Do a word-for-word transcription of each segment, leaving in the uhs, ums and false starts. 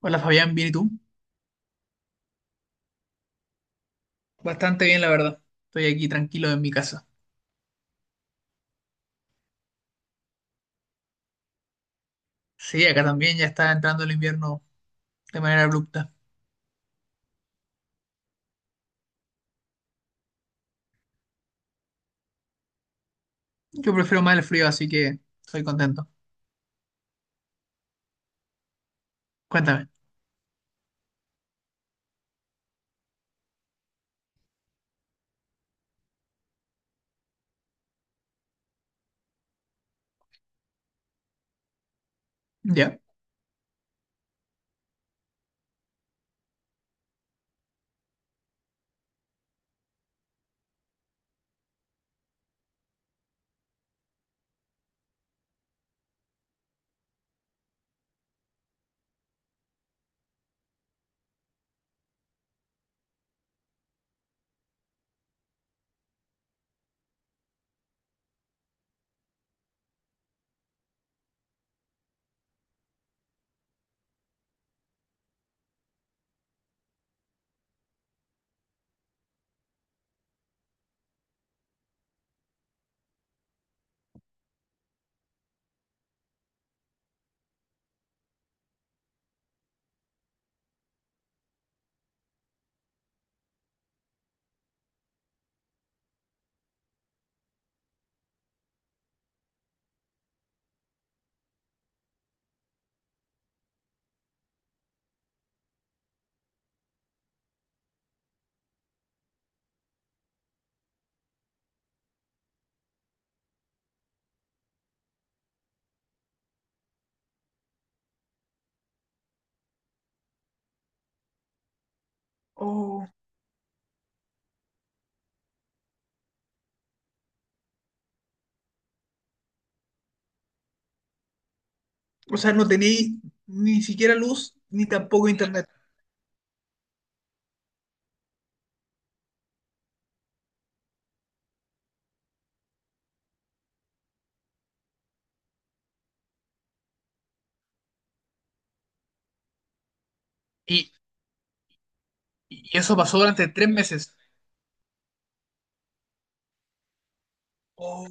Hola Fabián, ¿bien y tú? Bastante bien, la verdad. Estoy aquí tranquilo en mi casa. Sí, acá también ya está entrando el invierno de manera abrupta. Yo prefiero más el frío, así que estoy contento. Cuéntame. ¿Ya? Oh, o sea, no tenéis ni siquiera luz ni tampoco internet. Y, y eso pasó durante tres meses. Oh,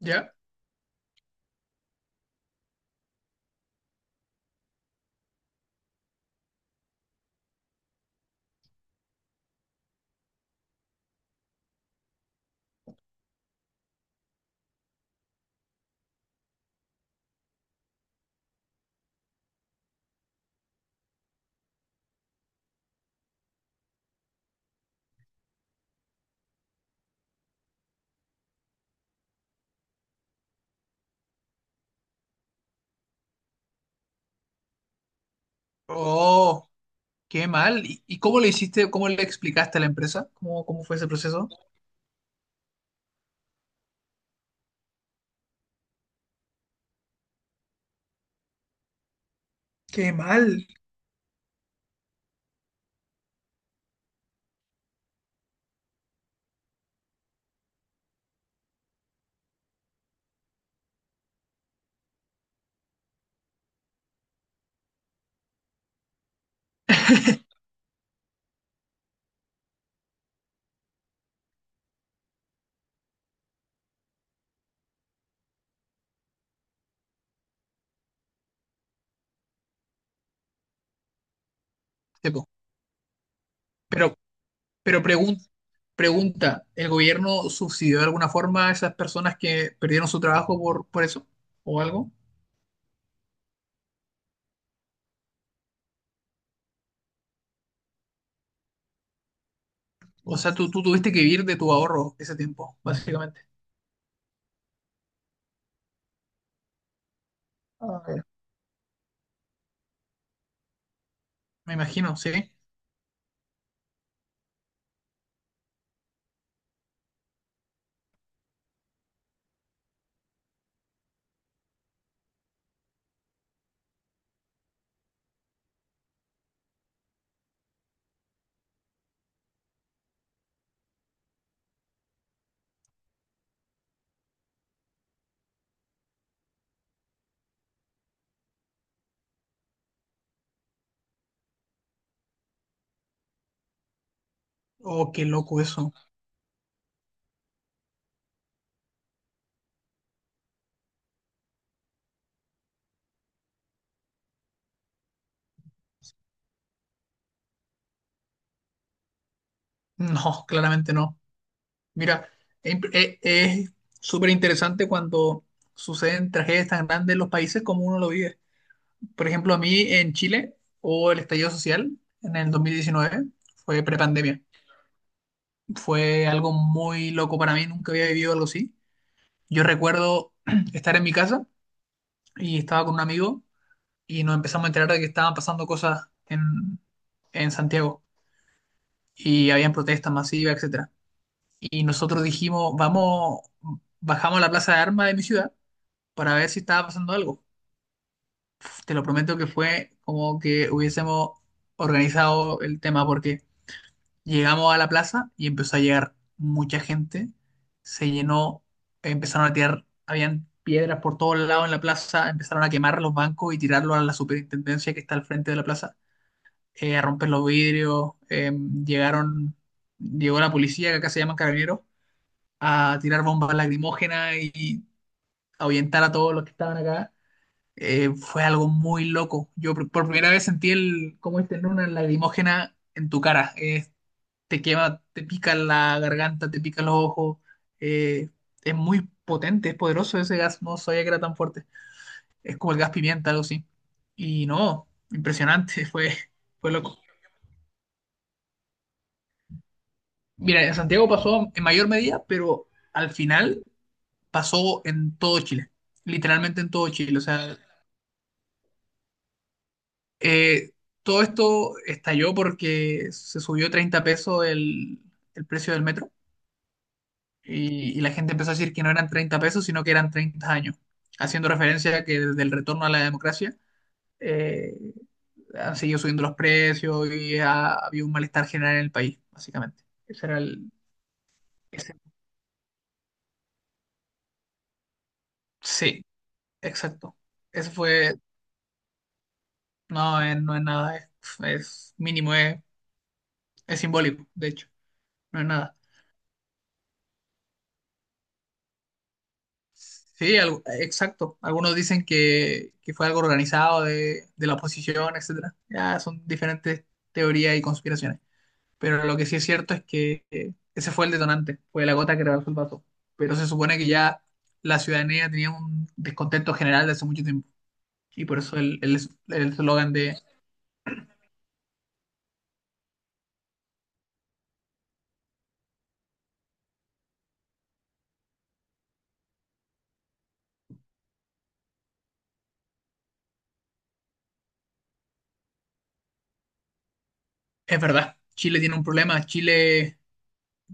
¿ya? Oh, qué mal. ¿Y, y cómo le hiciste, cómo le explicaste a la empresa? ¿Cómo, cómo fue ese proceso? Qué mal. Sí, po. Pero, Pero pregun- pregunta, ¿el gobierno subsidió de alguna forma a esas personas que perdieron su trabajo por, por eso? ¿O algo? O sea, tú, tú tuviste que vivir de tu ahorro ese tiempo, básicamente. Ah, ya. Me imagino, ¿sí? Oh, qué loco eso. No, claramente no. Mira, es imp- e- es súper interesante cuando suceden tragedias tan grandes en los países como uno lo vive. Por ejemplo, a mí en Chile, o el estallido social en el dos mil diecinueve, fue prepandemia. Fue algo muy loco para mí, nunca había vivido algo así. Yo recuerdo estar en mi casa y estaba con un amigo y nos empezamos a enterar de que estaban pasando cosas en, en Santiago y habían protestas masivas, etcétera. Y nosotros dijimos, vamos, bajamos a la plaza de armas de mi ciudad para ver si estaba pasando algo. Te lo prometo que fue como que hubiésemos organizado el tema porque llegamos a la plaza y empezó a llegar mucha gente. Se llenó, empezaron a tirar, habían piedras por todos lados en la plaza, empezaron a quemar los bancos y tirarlos a la superintendencia que está al frente de la plaza, eh, a romper los vidrios. Eh, llegaron, llegó la policía, que acá se llaman carabineros, a tirar bombas lacrimógenas y ahuyentar a todos los que estaban acá. Eh, fue algo muy loco. Yo por, por primera vez sentí el cómo es tener una lacrimógena en tu cara. Es, te quema, te pica la garganta, te pica los ojos. eh, es muy potente, es poderoso ese gas, no sabía que era tan fuerte. Es como el gas pimienta, algo así. Y no, impresionante, fue, fue loco. Mira, en Santiago pasó en mayor medida, pero al final pasó en todo Chile, literalmente en todo Chile. O sea, eh, todo esto estalló porque se subió treinta pesos el, el precio del metro y, y la gente empezó a decir que no eran treinta pesos, sino que eran treinta años, haciendo referencia a que desde el retorno a la democracia eh, han seguido subiendo los precios y ha, habido un malestar general en el país, básicamente. Ese era el... ese- sí, exacto. Ese fue... No, es- no es nada, es, es mínimo, es, es simbólico, de hecho, no es nada. Sí, algo- exacto. Algunos dicen que, que fue algo organizado de, de la oposición, etcétera. Ya son diferentes teorías y conspiraciones. Pero lo que sí es cierto es que eh, ese fue el detonante, fue la gota que rebasó el vaso. Pero se supone que ya la ciudadanía tenía un descontento general de hace mucho tiempo. Y por eso el el es- el eslogan de... Es verdad, Chile tiene un problema, Chile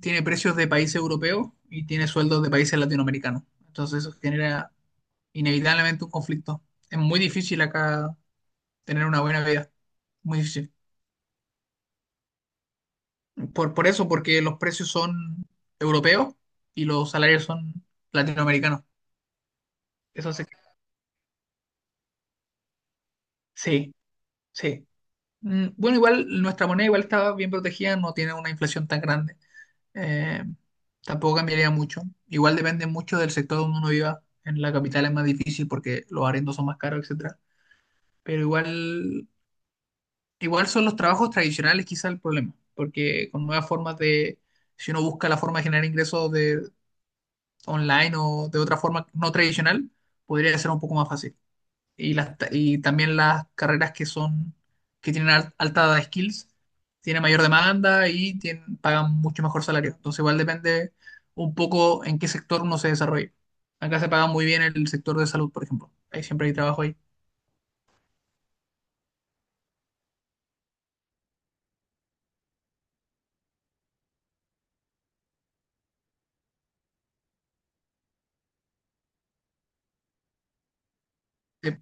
tiene precios de países europeos y tiene sueldos de países latinoamericanos. Entonces eso genera inevitablemente un conflicto. Es muy difícil acá tener una buena vida. Muy difícil. Por, por eso, porque los precios son europeos y los salarios son latinoamericanos. Eso se- sí, sí. Mm, bueno, igual nuestra moneda igual está bien protegida, no tiene una inflación tan grande. Eh, Tampoco cambiaría mucho. Igual depende mucho del sector donde uno viva. En la capital es más difícil porque los arriendos son más caros, etcétera. Pero igual, igual son los trabajos tradicionales quizá el problema, porque con nuevas formas de, si uno busca la forma de generar ingresos de online o de otra forma no tradicional, podría ser un poco más fácil. Y, las, ta- y también las carreras que son, que tienen al- alta skills, tienen mayor demanda y tienen- pagan mucho mejor salario. Entonces igual depende un poco en qué sector uno se desarrolle. Acá se paga muy bien el sector de salud, por ejemplo. Ahí siempre hay trabajo ahí. Eh,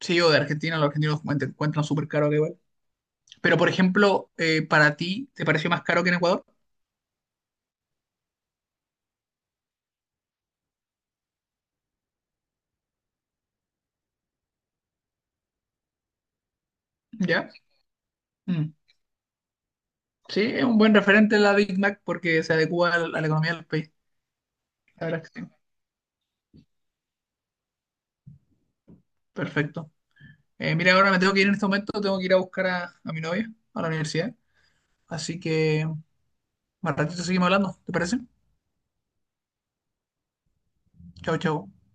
Sí, o de Argentina, los argentinos encuent- encuentran súper caro acá igual. Pero, por ejemplo, eh, para ti, ¿te pareció más caro que en Ecuador? ¿Ya? Mm. Sí, es un buen referente la Big Mac porque se adecua a la a la economía del país. La verdad es que sí. Perfecto. Eh, mira, ahora me tengo que ir en este momento, tengo que ir a buscar a, a mi novia a la universidad. Así que, más ratito seguimos hablando, ¿te parece? Chau, chau.